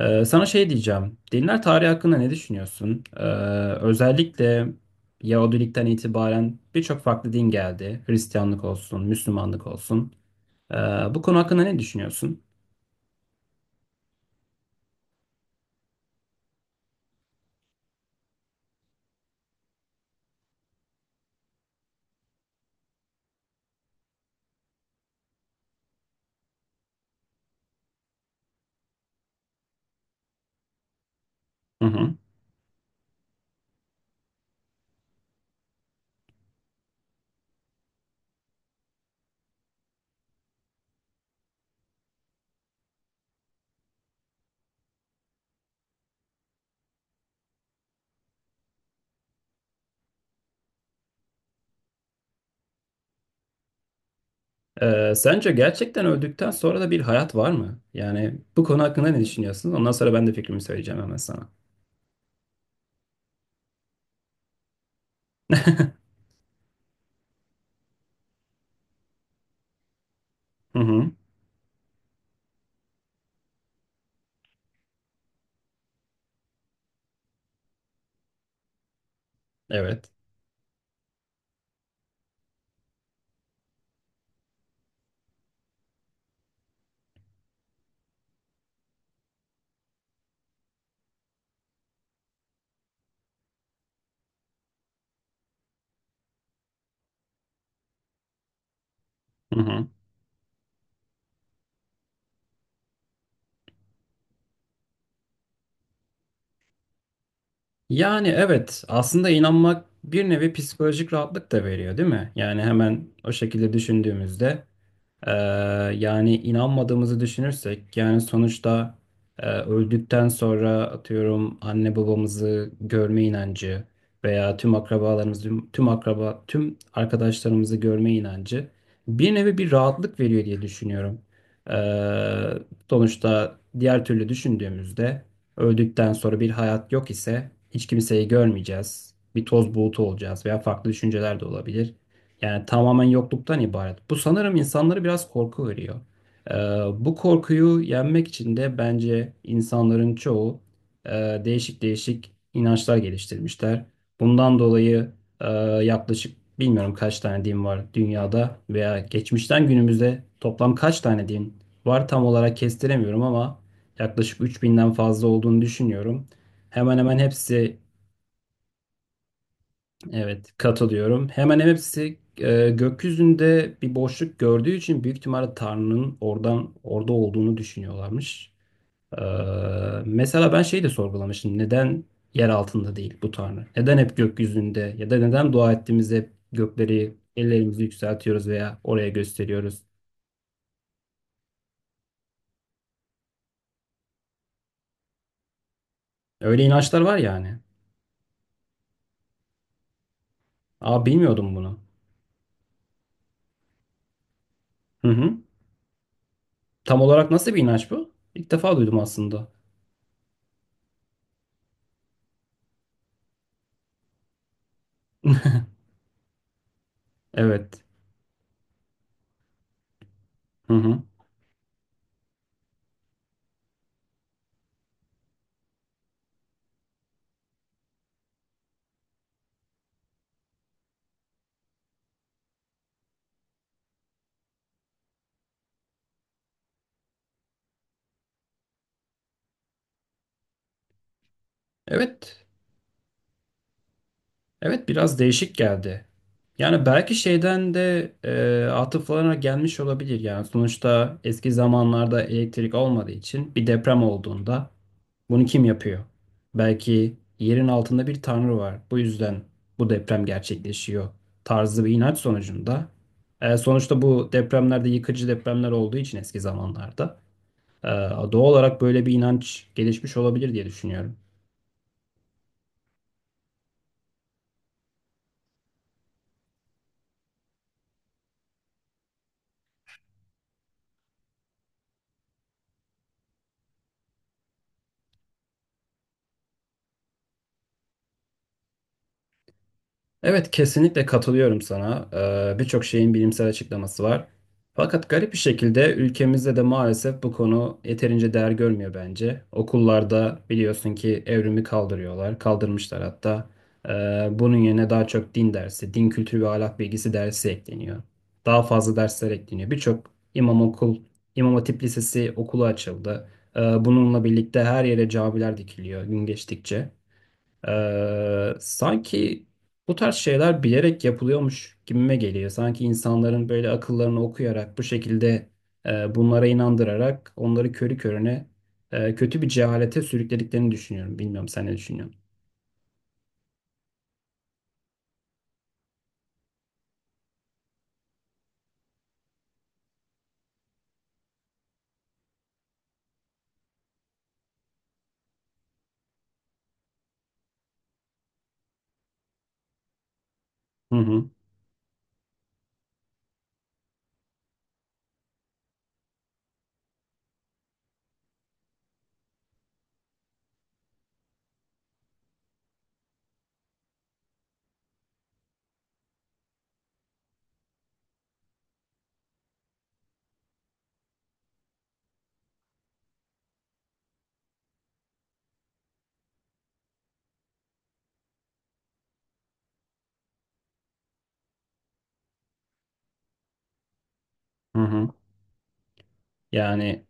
Sana şey diyeceğim. Dinler tarihi hakkında ne düşünüyorsun? Özellikle Yahudilikten itibaren birçok farklı din geldi. Hristiyanlık olsun, Müslümanlık olsun. Ee, bu konu hakkında ne düşünüyorsun? Hı hı. Sence gerçekten öldükten sonra da bir hayat var mı? Yani bu konu hakkında ne düşünüyorsun? Ondan sonra ben de fikrimi söyleyeceğim hemen sana. Hı hı. Evet. Hı hı. Yani evet, aslında inanmak bir nevi psikolojik rahatlık da veriyor, değil mi? Yani hemen o şekilde düşündüğümüzde. Ee, yani inanmadığımızı düşünürsek, yani sonuçta öldükten sonra atıyorum anne babamızı görme inancı veya tüm akrabalarımızı, tüm akraba, tüm arkadaşlarımızı görme inancı bir nevi bir rahatlık veriyor diye düşünüyorum. Ee, sonuçta diğer türlü düşündüğümüzde öldükten sonra bir hayat yok ise hiç kimseyi görmeyeceğiz. Bir toz bulutu olacağız veya farklı düşünceler de olabilir. Yani tamamen yokluktan ibaret. Bu sanırım insanları biraz korku veriyor. Ee, bu korkuyu yenmek için de bence insanların çoğu e, değişik değişik inançlar geliştirmişler. Bundan dolayı e, yaklaşık bilmiyorum kaç tane din var dünyada veya geçmişten günümüzde toplam kaç tane din var tam olarak kestiremiyorum, ama yaklaşık 3000'den fazla olduğunu düşünüyorum. Hemen hemen hepsi. Evet, katılıyorum. Hemen hepsi gökyüzünde bir boşluk gördüğü için büyük ihtimalle Tanrı'nın oradan, orada olduğunu düşünüyorlarmış. E, mesela ben şeyi de sorgulamıştım. Neden yer altında değil bu Tanrı? Neden hep gökyüzünde? Ya da neden dua ettiğimizde hep gökleri, ellerimizi yükseltiyoruz veya oraya gösteriyoruz? Öyle inançlar var yani. Aa, bilmiyordum bunu. Hı hı. Tam olarak nasıl bir inanç bu? İlk defa duydum aslında. Evet. Hı hı. Evet. Evet, biraz değişik geldi. Yani belki şeyden de atıflarına gelmiş olabilir. Yani sonuçta eski zamanlarda elektrik olmadığı için bir deprem olduğunda bunu kim yapıyor? Belki yerin altında bir tanrı var. Bu yüzden bu deprem gerçekleşiyor tarzı bir inanç sonucunda. Sonuçta bu depremlerde yıkıcı depremler olduğu için eski zamanlarda e, doğal olarak böyle bir inanç gelişmiş olabilir diye düşünüyorum. Evet, kesinlikle katılıyorum sana. Birçok şeyin bilimsel açıklaması var. Fakat garip bir şekilde ülkemizde de maalesef bu konu yeterince değer görmüyor bence. Okullarda biliyorsun ki evrimi kaldırıyorlar, kaldırmışlar hatta. Bunun yerine daha çok din dersi, din kültürü ve ahlak bilgisi dersi ekleniyor. Daha fazla dersler ekleniyor. Birçok İmam Hatip Lisesi okulu açıldı. Bununla birlikte her yere camiler dikiliyor gün geçtikçe. Sanki bu tarz şeyler bilerek yapılıyormuş gibime geliyor. Sanki insanların böyle akıllarını okuyarak bu şekilde bunlara inandırarak onları körü körüne kötü bir cehalete sürüklediklerini düşünüyorum. Bilmiyorum, sen ne düşünüyorsun? Hı hı, hı hı. Yani.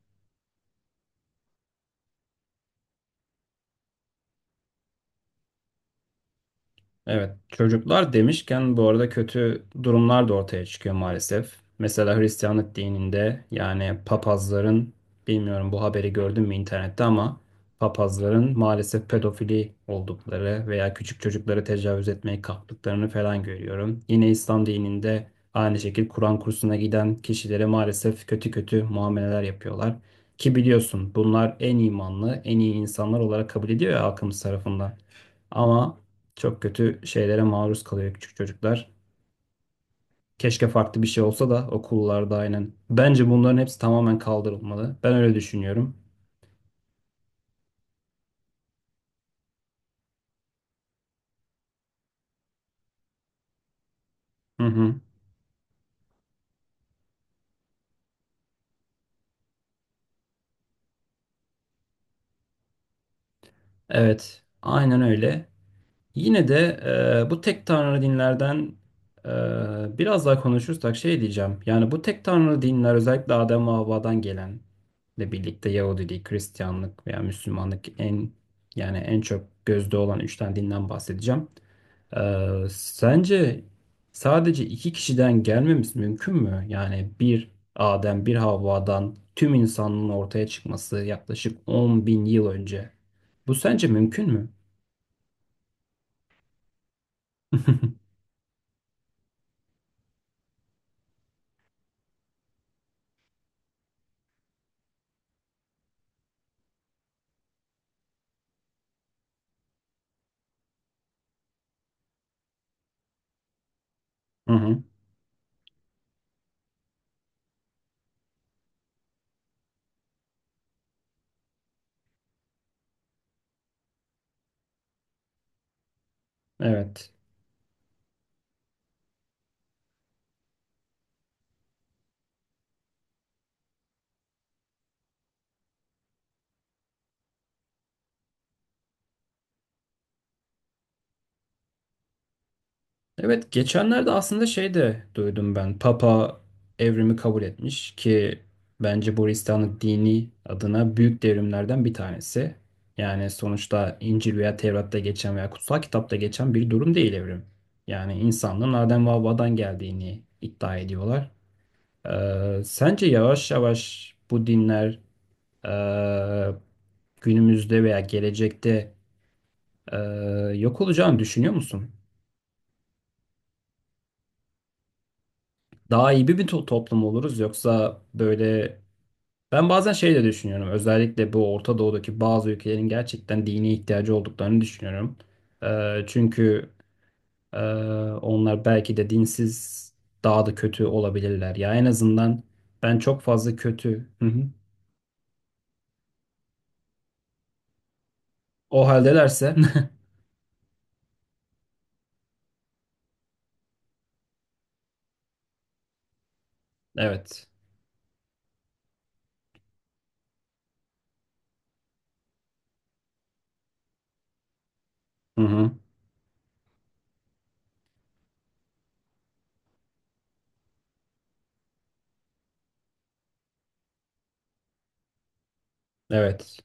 Evet, çocuklar demişken bu arada kötü durumlar da ortaya çıkıyor maalesef. Mesela Hristiyanlık dininde yani papazların, bilmiyorum bu haberi gördün mü internette, ama papazların maalesef pedofili oldukları veya küçük çocukları tecavüz etmeye kalktıklarını falan görüyorum. Yine İslam dininde aynı şekilde Kur'an kursuna giden kişilere maalesef kötü kötü muameleler yapıyorlar. Ki biliyorsun bunlar en imanlı, en iyi insanlar olarak kabul ediyor ya halkımız tarafından. Ama çok kötü şeylere maruz kalıyor küçük çocuklar. Keşke farklı bir şey olsa da okullarda, aynen. Bence bunların hepsi tamamen kaldırılmalı. Ben öyle düşünüyorum. Hı hı. Evet, aynen öyle. Yine de bu tek tanrı dinlerden biraz daha konuşursak şey diyeceğim. Yani bu tek tanrı dinler, özellikle Adem ve Havva'dan gelen ile birlikte Yahudilik, Hristiyanlık veya Müslümanlık, yani en çok gözde olan üç tane dinden bahsedeceğim. Sence sadece iki kişiden gelmemiz mümkün mü? Yani bir Adem, bir Havva'dan tüm insanlığın ortaya çıkması yaklaşık 10 bin yıl önce. Bu sence mümkün mü? Hı hı, evet. Evet, geçenlerde aslında şey de duydum ben. Papa evrimi kabul etmiş ki bence bu Hristiyanlık dini adına büyük devrimlerden bir tanesi. Yani sonuçta İncil veya Tevrat'ta geçen veya kutsal kitapta geçen bir durum değil evrim. Yani insanlığın Adem ve Havva'dan geldiğini iddia ediyorlar. Sence yavaş yavaş bu dinler ee, günümüzde veya gelecekte ee, yok olacağını düşünüyor musun? Daha iyi bir toplum oluruz yoksa böyle, ben bazen şey de düşünüyorum, özellikle bu Orta Doğu'daki bazı ülkelerin gerçekten dine ihtiyacı olduklarını düşünüyorum. Çünkü e, onlar belki de dinsiz daha da kötü olabilirler. Ya en azından ben çok fazla kötü. Hı hı. O haldelerse evet. Hı hı. Evet.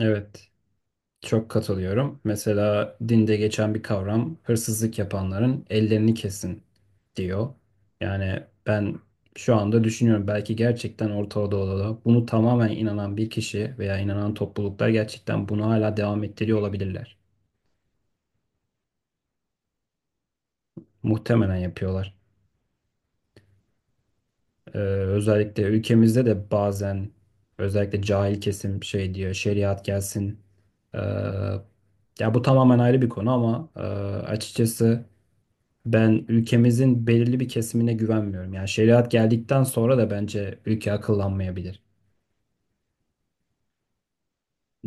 Evet. Çok katılıyorum. Mesela dinde geçen bir kavram, hırsızlık yapanların ellerini kesin, diyor. Yani ben şu anda düşünüyorum, belki gerçekten Orta Doğu'da bunu tamamen inanan bir kişi veya inanan topluluklar gerçekten bunu hala devam ettiriyor olabilirler. Muhtemelen yapıyorlar. Ee, özellikle ülkemizde de bazen, özellikle cahil kesim şey diyor, şeriat gelsin. Ee, ya bu tamamen ayrı bir konu, ama açıkçası ben ülkemizin belirli bir kesimine güvenmiyorum. Yani şeriat geldikten sonra da bence ülke akıllanmayabilir.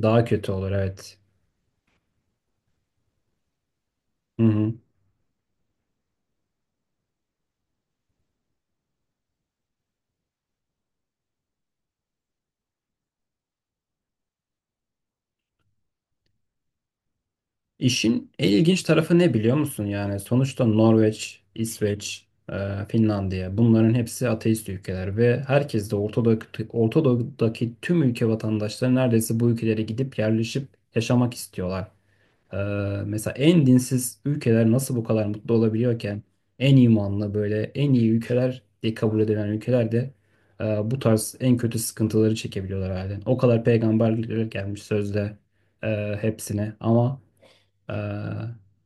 Daha kötü olur, evet. Hı hı. İşin en ilginç tarafı ne biliyor musun? Yani sonuçta Norveç, İsveç, e, Finlandiya, bunların hepsi ateist ülkeler ve herkes de Ortadoğu'daki, tüm ülke vatandaşları neredeyse bu ülkelere gidip yerleşip yaşamak istiyorlar. Ee, mesela en dinsiz ülkeler nasıl bu kadar mutlu olabiliyorken en imanlı, böyle en iyi ülkeler diye kabul edilen ülkeler de bu tarz en kötü sıkıntıları çekebiliyorlar halen. O kadar peygamber gelmiş sözde hepsine, ama e,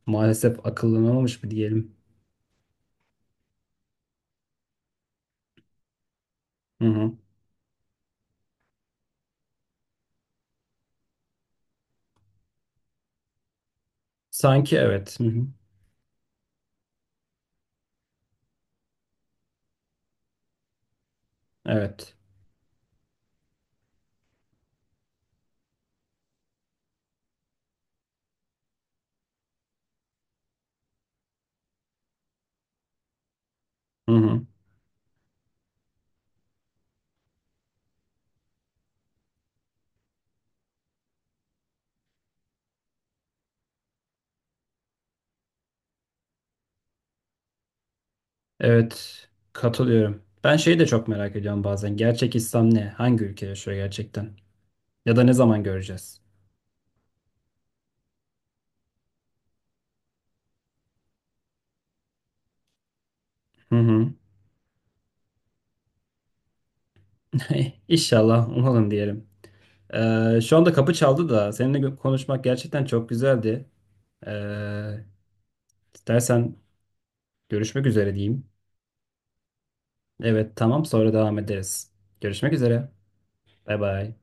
maalesef akıllanamamış mı diyelim. Hı hı. Sanki evet. Hı hı. Evet. Hı hı. Evet. Katılıyorum. Ben şeyi de çok merak ediyorum bazen. Gerçek İslam ne? Hangi ülke yaşıyor gerçekten? Ya da ne zaman göreceğiz? Hı hı. Eh, İnşallah umalım diyelim. Şu anda kapı çaldı da seninle konuşmak gerçekten çok güzeldi. Ee, istersen görüşmek üzere diyeyim. Evet, tamam, sonra devam ederiz. Görüşmek üzere. Bay bay.